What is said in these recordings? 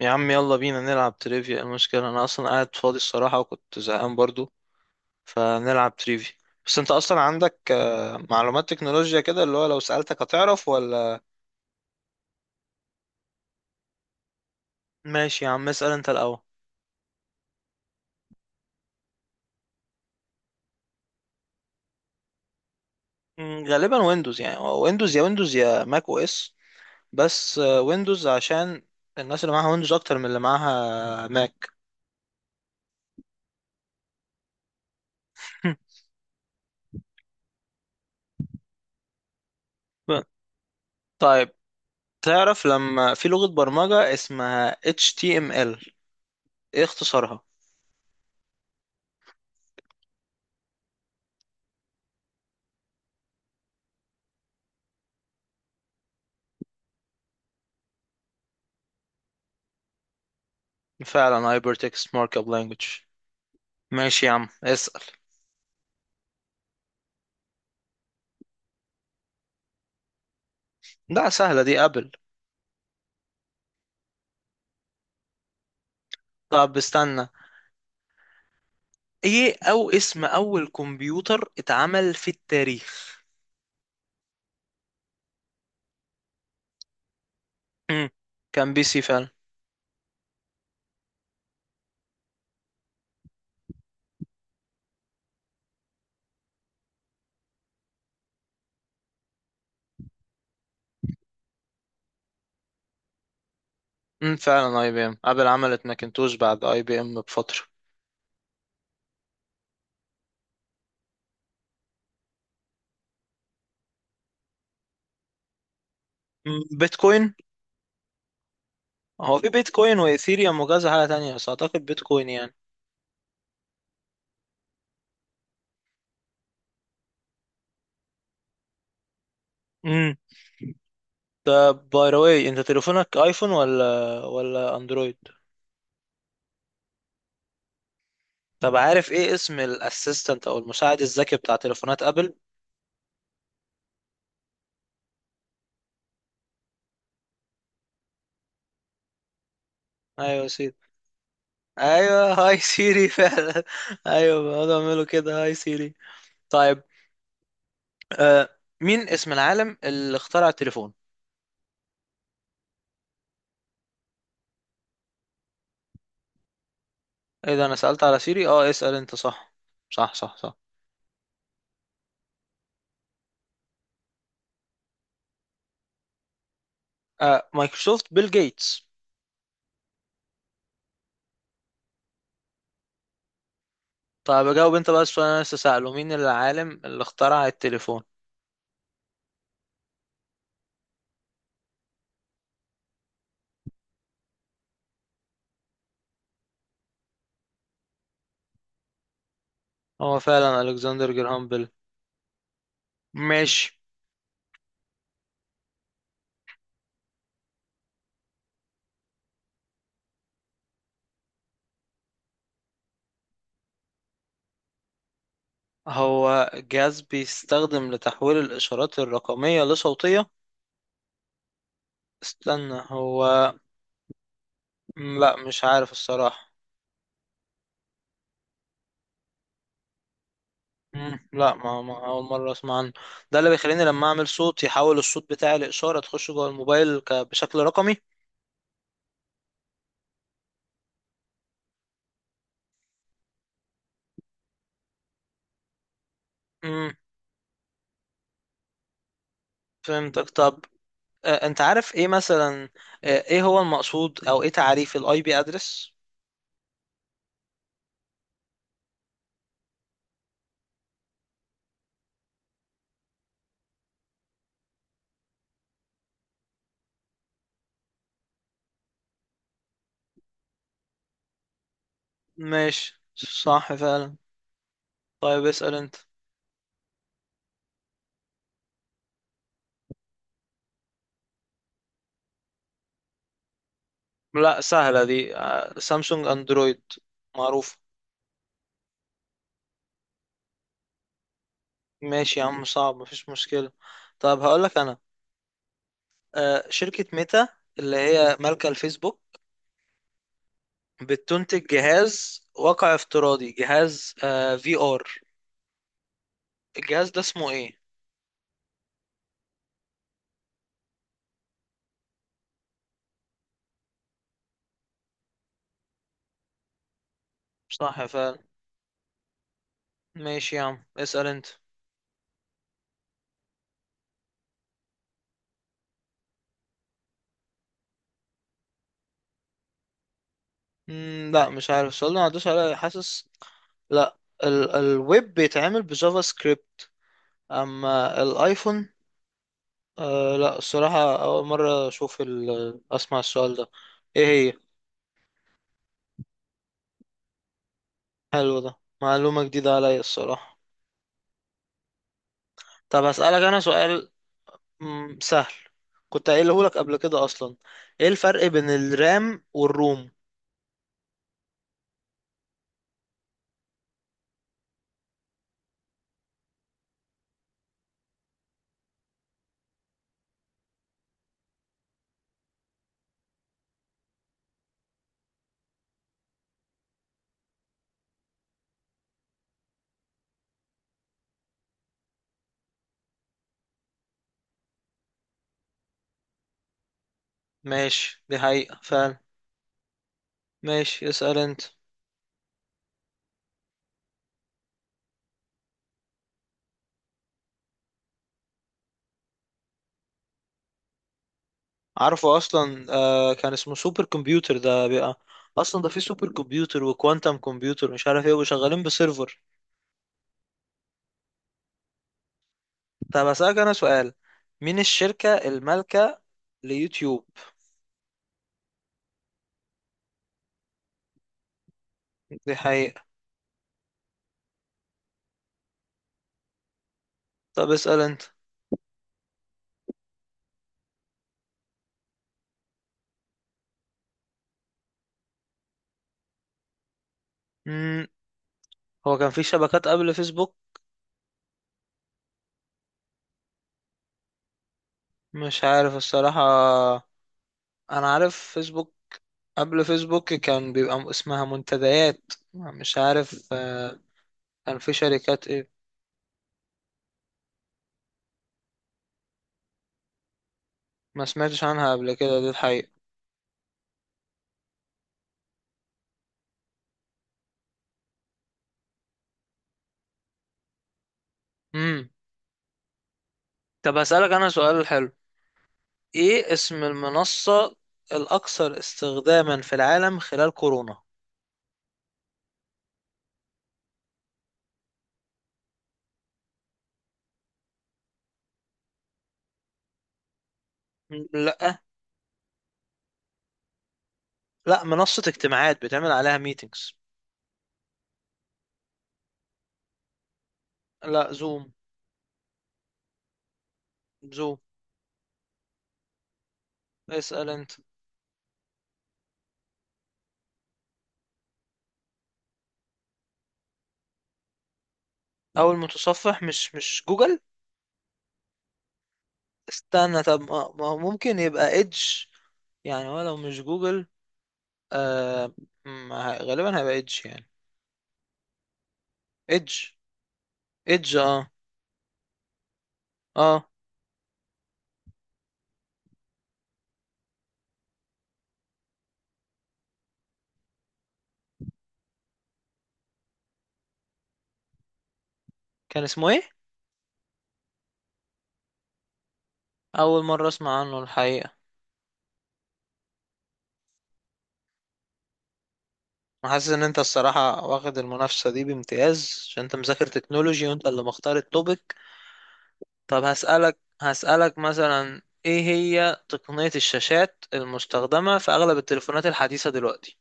يا عم، يلا بينا نلعب تريفيا. المشكلة أنا أصلا قاعد فاضي الصراحة وكنت زهقان برضو، فنلعب تريفيا. بس أنت أصلا عندك معلومات تكنولوجيا كده، اللي هو لو سألتك هتعرف ولا؟ ماشي يا عم، اسأل أنت الأول. غالبا ويندوز، يعني هو ويندوز يا ويندوز يا ماك أو إس. بس ويندوز عشان الناس اللي معاها ويندوز أكتر من اللي معاها ماك. ب- طيب، تعرف لما في لغة برمجة اسمها HTML، إيه اختصارها؟ فعلا Hypertext Markup Language. ماشي يا عم، اسأل. ده سهلة دي، ابل. طب استنى. ايه او اسم اول كمبيوتر اتعمل في التاريخ؟ مم. كان PC فعلا. مم. فعلا IBM. ابل عملت ماكنتوش بعد IBM بفترة. مم. بيتكوين. هو في بيتكوين وايثيريوم وكذا حاجة تانية، بس اعتقد بيتكوين يعني. مم. طب، باي ذا واي، انت تليفونك ايفون ولا اندرويد؟ طب، عارف ايه اسم الاسيستنت او المساعد الذكي بتاع تليفونات ابل؟ ايوه، سيدي. ايوه، هاي سيري فعلا. ايوه، بيقعدوا يعملوا كده، هاي سيري. طيب، آه مين اسم العالم اللي اخترع التليفون؟ ايه ده، انا سألت على سيري. اه، اسأل انت. صح، صح، صح، صح. مايكروسوفت، بيل جيتس. طيب، اجاوب انت بقى السؤال اللي انا لسه سأله، مين العالم اللي اخترع التليفون؟ هو فعلا الكسندر جراهام بيل. ماشي. هو جهاز بيستخدم لتحويل الاشارات الرقمية لصوتية. استنى هو. لا، مش عارف الصراحة. مم. لا، ما اول مره اسمع عنه. ده اللي بيخليني لما اعمل صوت يحول الصوت بتاعي لاشاره تخش جوه الموبايل بشكل رقمي. امم فهمتك. طب، انت عارف ايه مثلا؟ ايه هو المقصود او ايه تعريف الاي بي ادرس؟ ماشي، صح فعلا. طيب، اسال انت. لا، سهله دي. سامسونج اندرويد. معروف. ماشي يا عم، صعب مفيش مشكله. طب هقول لك انا. شركه ميتا، اللي هي مالكه الفيسبوك، بتنتج جهاز واقع افتراضي، جهاز VR. الجهاز ده اسمه ايه؟ صح فعلا. ماشي يا عم، اسأل انت. لا، مش عارف. السؤال ده ما عدوش عليا، حاسس. لا. الويب بيتعمل بجافا سكريبت. اما الايفون. لا، الصراحة اول مرة اشوف ال اسمع السؤال ده. ايه هي؟ حلو ده، معلومة جديدة عليا الصراحة. طب هسألك انا سؤال. سهل، كنت قايله لك قبل كده اصلا. ايه الفرق بين الرام والروم؟ ماشي. دي حقيقة فعلا. ماشي، اسأل انت. عارفه اصلا. كان اسمه سوبر كمبيوتر ده بقى. اصلا ده في سوبر كمبيوتر وكوانتم كمبيوتر، مش عارف ايه، وشغالين بسيرفر. طب اسألك انا سؤال. مين الشركة المالكة ليوتيوب؟ دي حقيقة. طب، اسأل انت. مم. هو كان في شبكات قبل فيسبوك؟ مش عارف الصراحة. انا عارف فيسبوك. قبل فيسبوك كان بيبقى اسمها منتديات، مش عارف. كان في شركات ايه ما سمعتش عنها قبل كده، دي الحقيقة. امم طب هسألك انا سؤال حلو. ايه اسم المنصة الاكثر استخداما في العالم خلال كورونا؟ لا. لا، منصة اجتماعات بتعمل عليها ميتينجز. لا، زوم. زوم، اسأل انت. اول متصفح؟ مش جوجل. استنى، طب ما هو ممكن يبقى ايدج يعني؟ ولو مش جوجل، آه ما غالبا هيبقى ايدج يعني. ايدج. ايدج، اه، اه. كان اسمه ايه؟ اول مره اسمع عنه الحقيقه. انا حاسس ان انت الصراحه واخد المنافسه دي بامتياز، عشان انت مذاكر تكنولوجي وانت اللي مختار التوبيك. طب هسالك مثلا، ايه هي تقنيه الشاشات المستخدمه في اغلب التليفونات الحديثه دلوقتي؟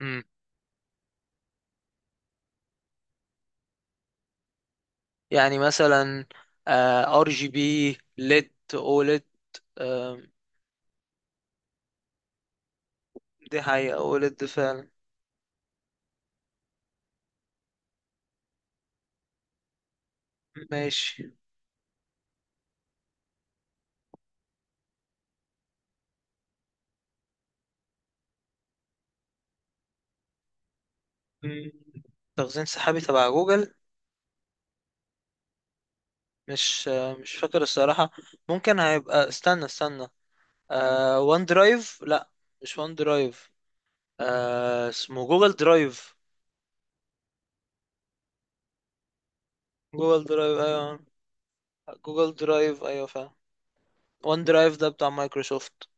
امم يعني مثلا، RGB ليد، اوليد. آه، دي حقيقه، اوليد فعلا. ماشي. مم. تخزين سحابي تبع جوجل؟ مش فاكر الصراحة. ممكن هيبقى، استنى استنى. وان درايف؟ لا، مش وان درايف. اسمه جوجل درايف. جوجل درايف، ايوه. جوجل درايف، ايوه، فاهم. وان درايف ده بتاع مايكروسوفت.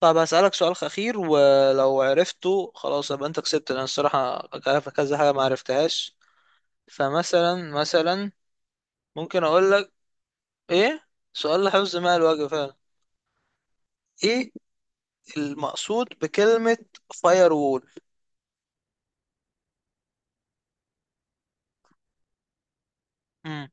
طب هسألك سؤال أخير، ولو عرفته خلاص يبقى أنت كسبت. لأن الصراحة عارف كذا حاجة ما عرفتهاش. فمثلا مثلا، ممكن أقول لك إيه؟ سؤال لحفظ ماء الوجه فعلا. إيه المقصود بكلمة فاير وول؟ مم.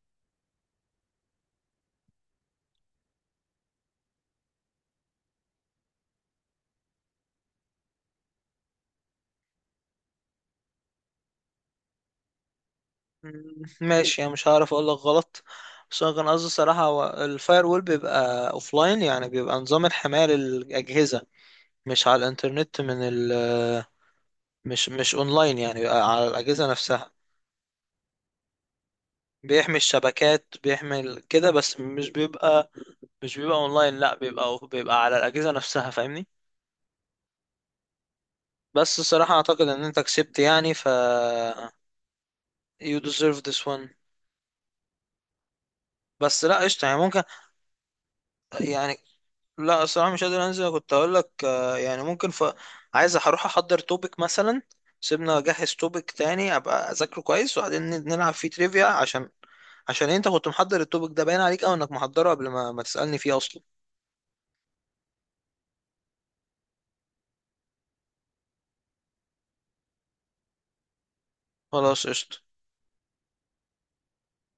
مم. ماشي، انا مش هعرف اقول لك غلط. بس انا كان قصدي الصراحة، هو الفاير وول بيبقى اوفلاين، يعني بيبقى نظام الحماية للأجهزة، مش على الانترنت. من ال مش اونلاين، يعني بيبقى على الأجهزة نفسها. بيحمي الشبكات، بيحمي كده. بس مش بيبقى اونلاين، لا بيبقى على الأجهزة نفسها. فاهمني؟ بس الصراحة اعتقد ان انت كسبت يعني. You deserve this one. بس لا، قشطة يعني، ممكن يعني. لا الصراحة مش قادر انزل، كنت اقول لك يعني ممكن عايز اروح احضر توبيك مثلا. سيبنا اجهز توبيك تاني، ابقى اذاكره كويس، وبعدين نلعب فيه تريفيا، عشان انت كنت محضر التوبيك ده، باين عليك او انك محضره قبل ما تسألني فيه اصلا. خلاص، قشطة.